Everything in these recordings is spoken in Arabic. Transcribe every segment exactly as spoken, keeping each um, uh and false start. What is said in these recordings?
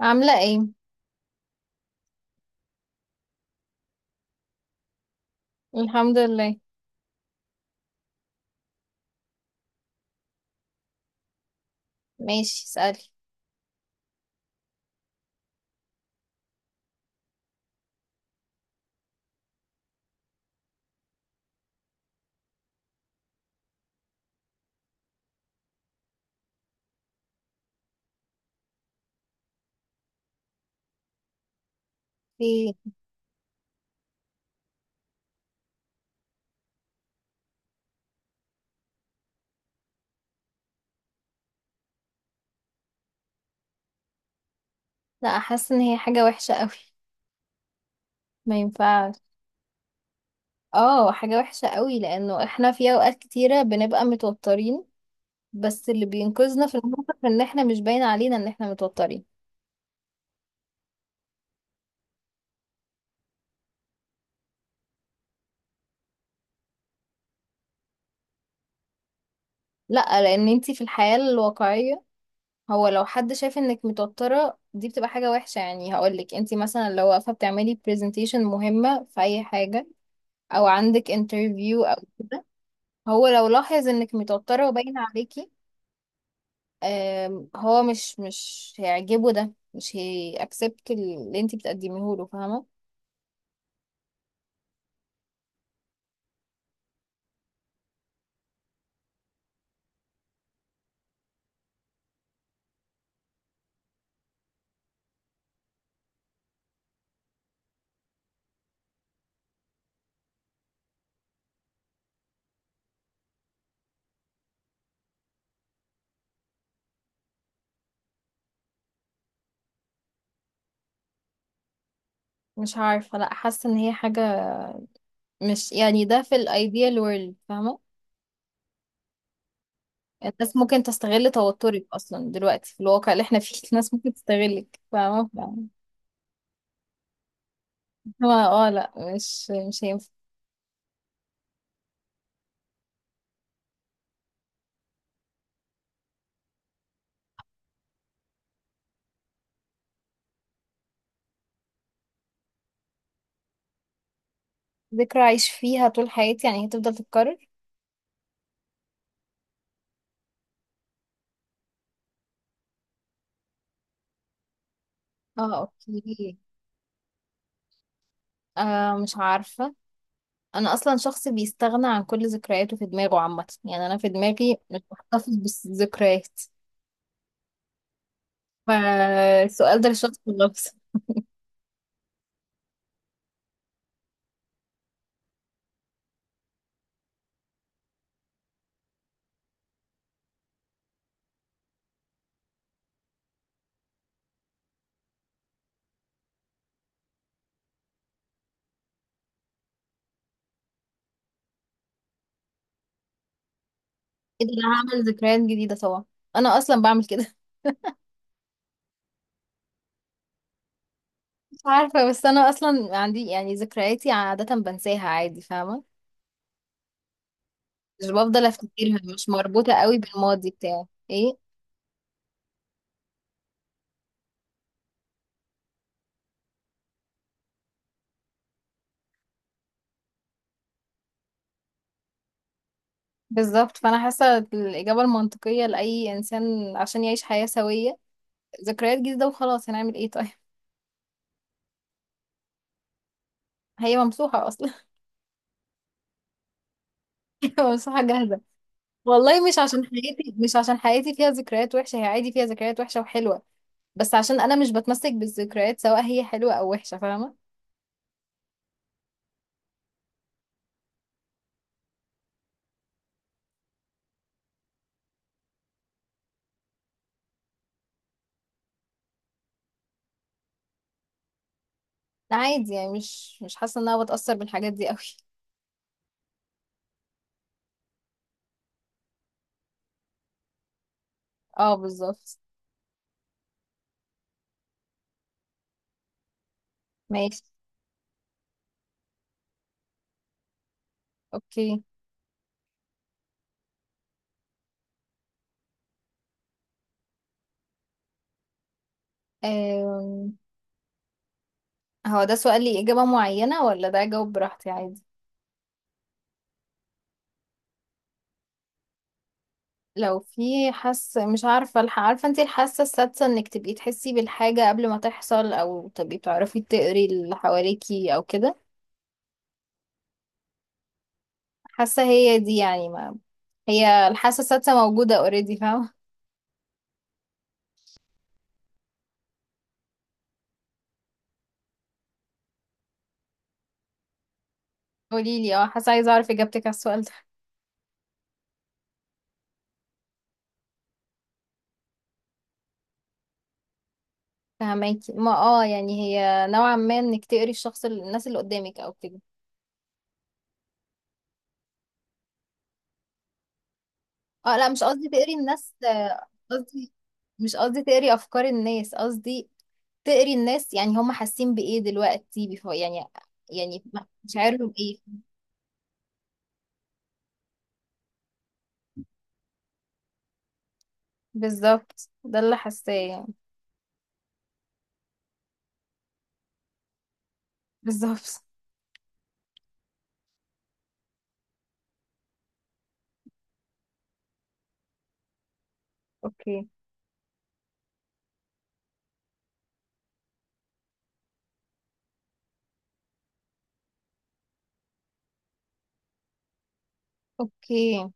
عاملة ايه؟ الحمد لله. ماشي، اسألي. ايه؟ لا، حاسة ان هي حاجة وحشة قوي. ما ينفعش. اه، حاجة وحشة قوي لانه احنا في اوقات كتيرة بنبقى متوترين، بس اللي بينقذنا في الموقف ان احنا مش باين علينا ان احنا متوترين. لا، لان انتي في الحياة الواقعية، هو لو حد شايف انك متوترة دي بتبقى حاجة وحشة، يعني هقولك انتي مثلا لو واقفة بتعملي برزنتيشن مهمة في اي حاجة او عندك انترفيو او كده، هو لو لاحظ انك متوترة وباين عليكي، آم، هو مش مش هيعجبه، ده مش هيأكسبت اللي انتي بتقدميه له، فاهمة. مش عارفة، لا حاسة ان هي حاجة، مش يعني ده في الايديال وورلد، فاهمة. الناس ممكن تستغل توترك اصلا، دلوقتي في الواقع اللي احنا فيه الناس ممكن تستغلك، فاهمة. هو اه لا، مش مش هينفع. ذكرى عايش فيها طول حياتي؟ يعني هتفضل تتكرر؟ اه اوكي. آه، مش عارفة. أنا أصلا شخص بيستغنى عن كل ذكرياته في دماغه عامة، يعني أنا في دماغي مش بحتفظ بالذكريات، فالسؤال ده للشخص النفسي. ايه ده، أنا هعمل ذكريات جديدة طبعا، انا اصلا بعمل كده. مش عارفة، بس انا اصلا عندي يعني ذكرياتي عادة بنساها عادي، فاهمة، مش بفضل افتكرها، مش مربوطة قوي بالماضي بتاعي. ايه. بالظبط، فانا حاسة الإجابة المنطقية لأي إنسان عشان يعيش حياة سوية ذكريات جديدة وخلاص، هنعمل ايه طيب. هي ممسوحة أصلا. هي ممسوحة جاهزة. والله مش عشان حياتي مش عشان حياتي فيها ذكريات وحشة، هي عادي فيها ذكريات وحشة وحلوة، بس عشان انا مش بتمسك بالذكريات، سواء هي حلوة او وحشة، فاهمة. لا، عادي، يعني مش مش حاسة ان انا بتأثر بالحاجات دي قوي. اه بالظبط. ماشي. اوكي. أم... هو ده سؤال لي اجابة معينة ولا ده اجاوب براحتي عادي؟ لو في حاسة، مش عارفة الح... عارفة انتي الحاسة السادسة، انك تبقي تحسي بالحاجة قبل ما تحصل، او تبقي بتعرفي تقري اللي حواليكي او كده. حاسة هي دي، يعني ما هي الحاسة السادسة موجودة اوريدي، فاهمة. قوليلي، اه حاسة، عايزة اعرف اجابتك على السؤال ده. فهماكي، ما اه يعني هي نوعا ما انك تقري الشخص ال- الناس اللي قدامك او كده. اه لا، مش قصدي تقري الناس، آه، قصدي مش قصدي تقري افكار الناس، قصدي تقري الناس يعني هم حاسين بايه دلوقتي، بيفو يعني، يعني مشاعرهم ايه. بالظبط، ده اللي حاساه يعني. بالظبط. اوكي. اوكي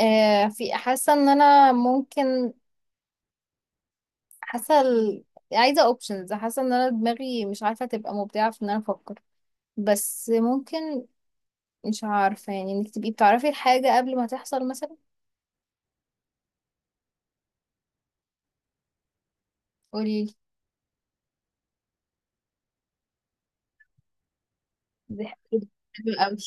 آه، في حاسه ان انا ممكن، حاسه ال- عايزه اوبشنز، حاسه ان انا دماغي مش عارفه تبقى مبدعه في ان انا افكر، بس ممكن مش عارفة يعني انك تبقي بتعرفي الحاجة قبل ما تحصل مثلا. قوليلي. دي حاجة حلوة قوي.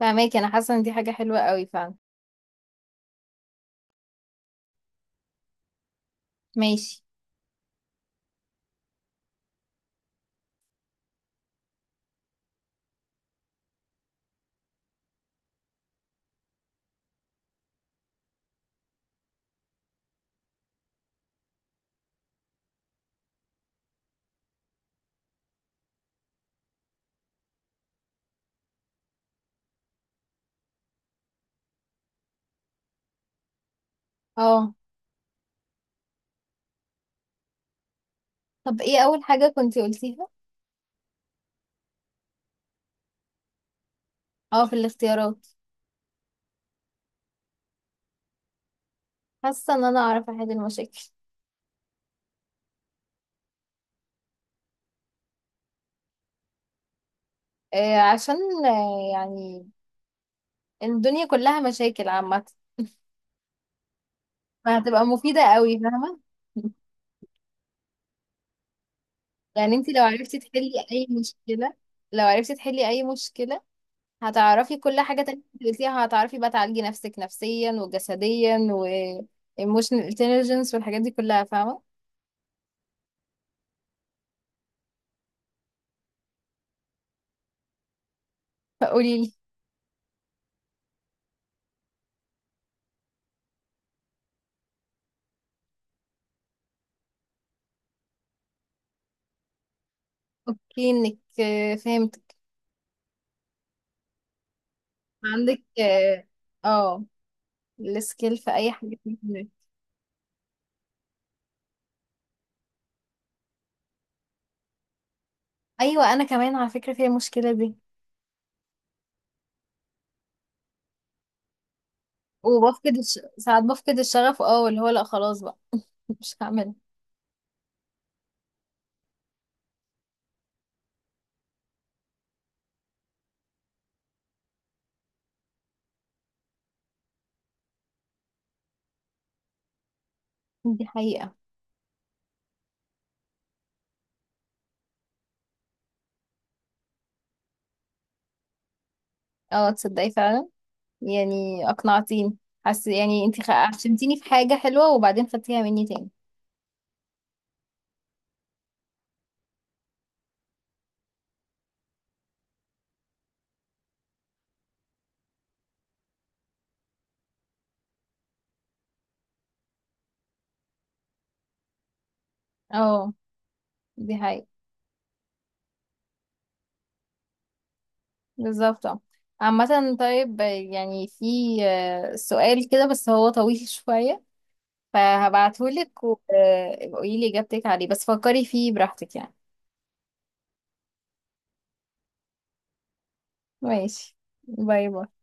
فاهماكي، انا حاسة ان دي حاجة حلوة قوي فعلا. ماشي. اه. طب ايه اول حاجة كنتي قلتيها؟ اه، في الاختيارات. حاسة ان انا اعرف احل المشاكل. آه عشان، آه يعني الدنيا كلها مشاكل عامة، فهتبقى مفيدة قوي، فاهمة. يعني انتي لو عرفتي تحلي اي مشكلة، لو عرفتي تحلي اي مشكلة هتعرفي كل حاجة تانية انت قلتيها، هتعرفي بقى تعالجي نفسك نفسيا وجسديا و emotional intelligence والحاجات دي كلها، فاهمة. فقولي لي. اوكي، انك آه، فهمتك. عندك اه، آه، السكيل في اي حاجة فيهم. ايوه، انا كمان على فكرة فيها المشكلة دي. وبفقد الش... ساعات بفقد الشغف، اه اللي هو لا خلاص بقى، مش هعمل. دي حقيقة. اه تصدقي فعلا، يعني اقنعتيني. حاسه يعني انت خ... عشمتيني في حاجة حلوة وبعدين خدتيها مني تاني. اه دي حقيقة. بالظبط اه. عامة طيب. يعني في آه، سؤال كده بس هو طويل شوية، فهبعتهولك وقولي لي إجابتك عليه، بس فكري فيه براحتك يعني. ماشي. باي باي.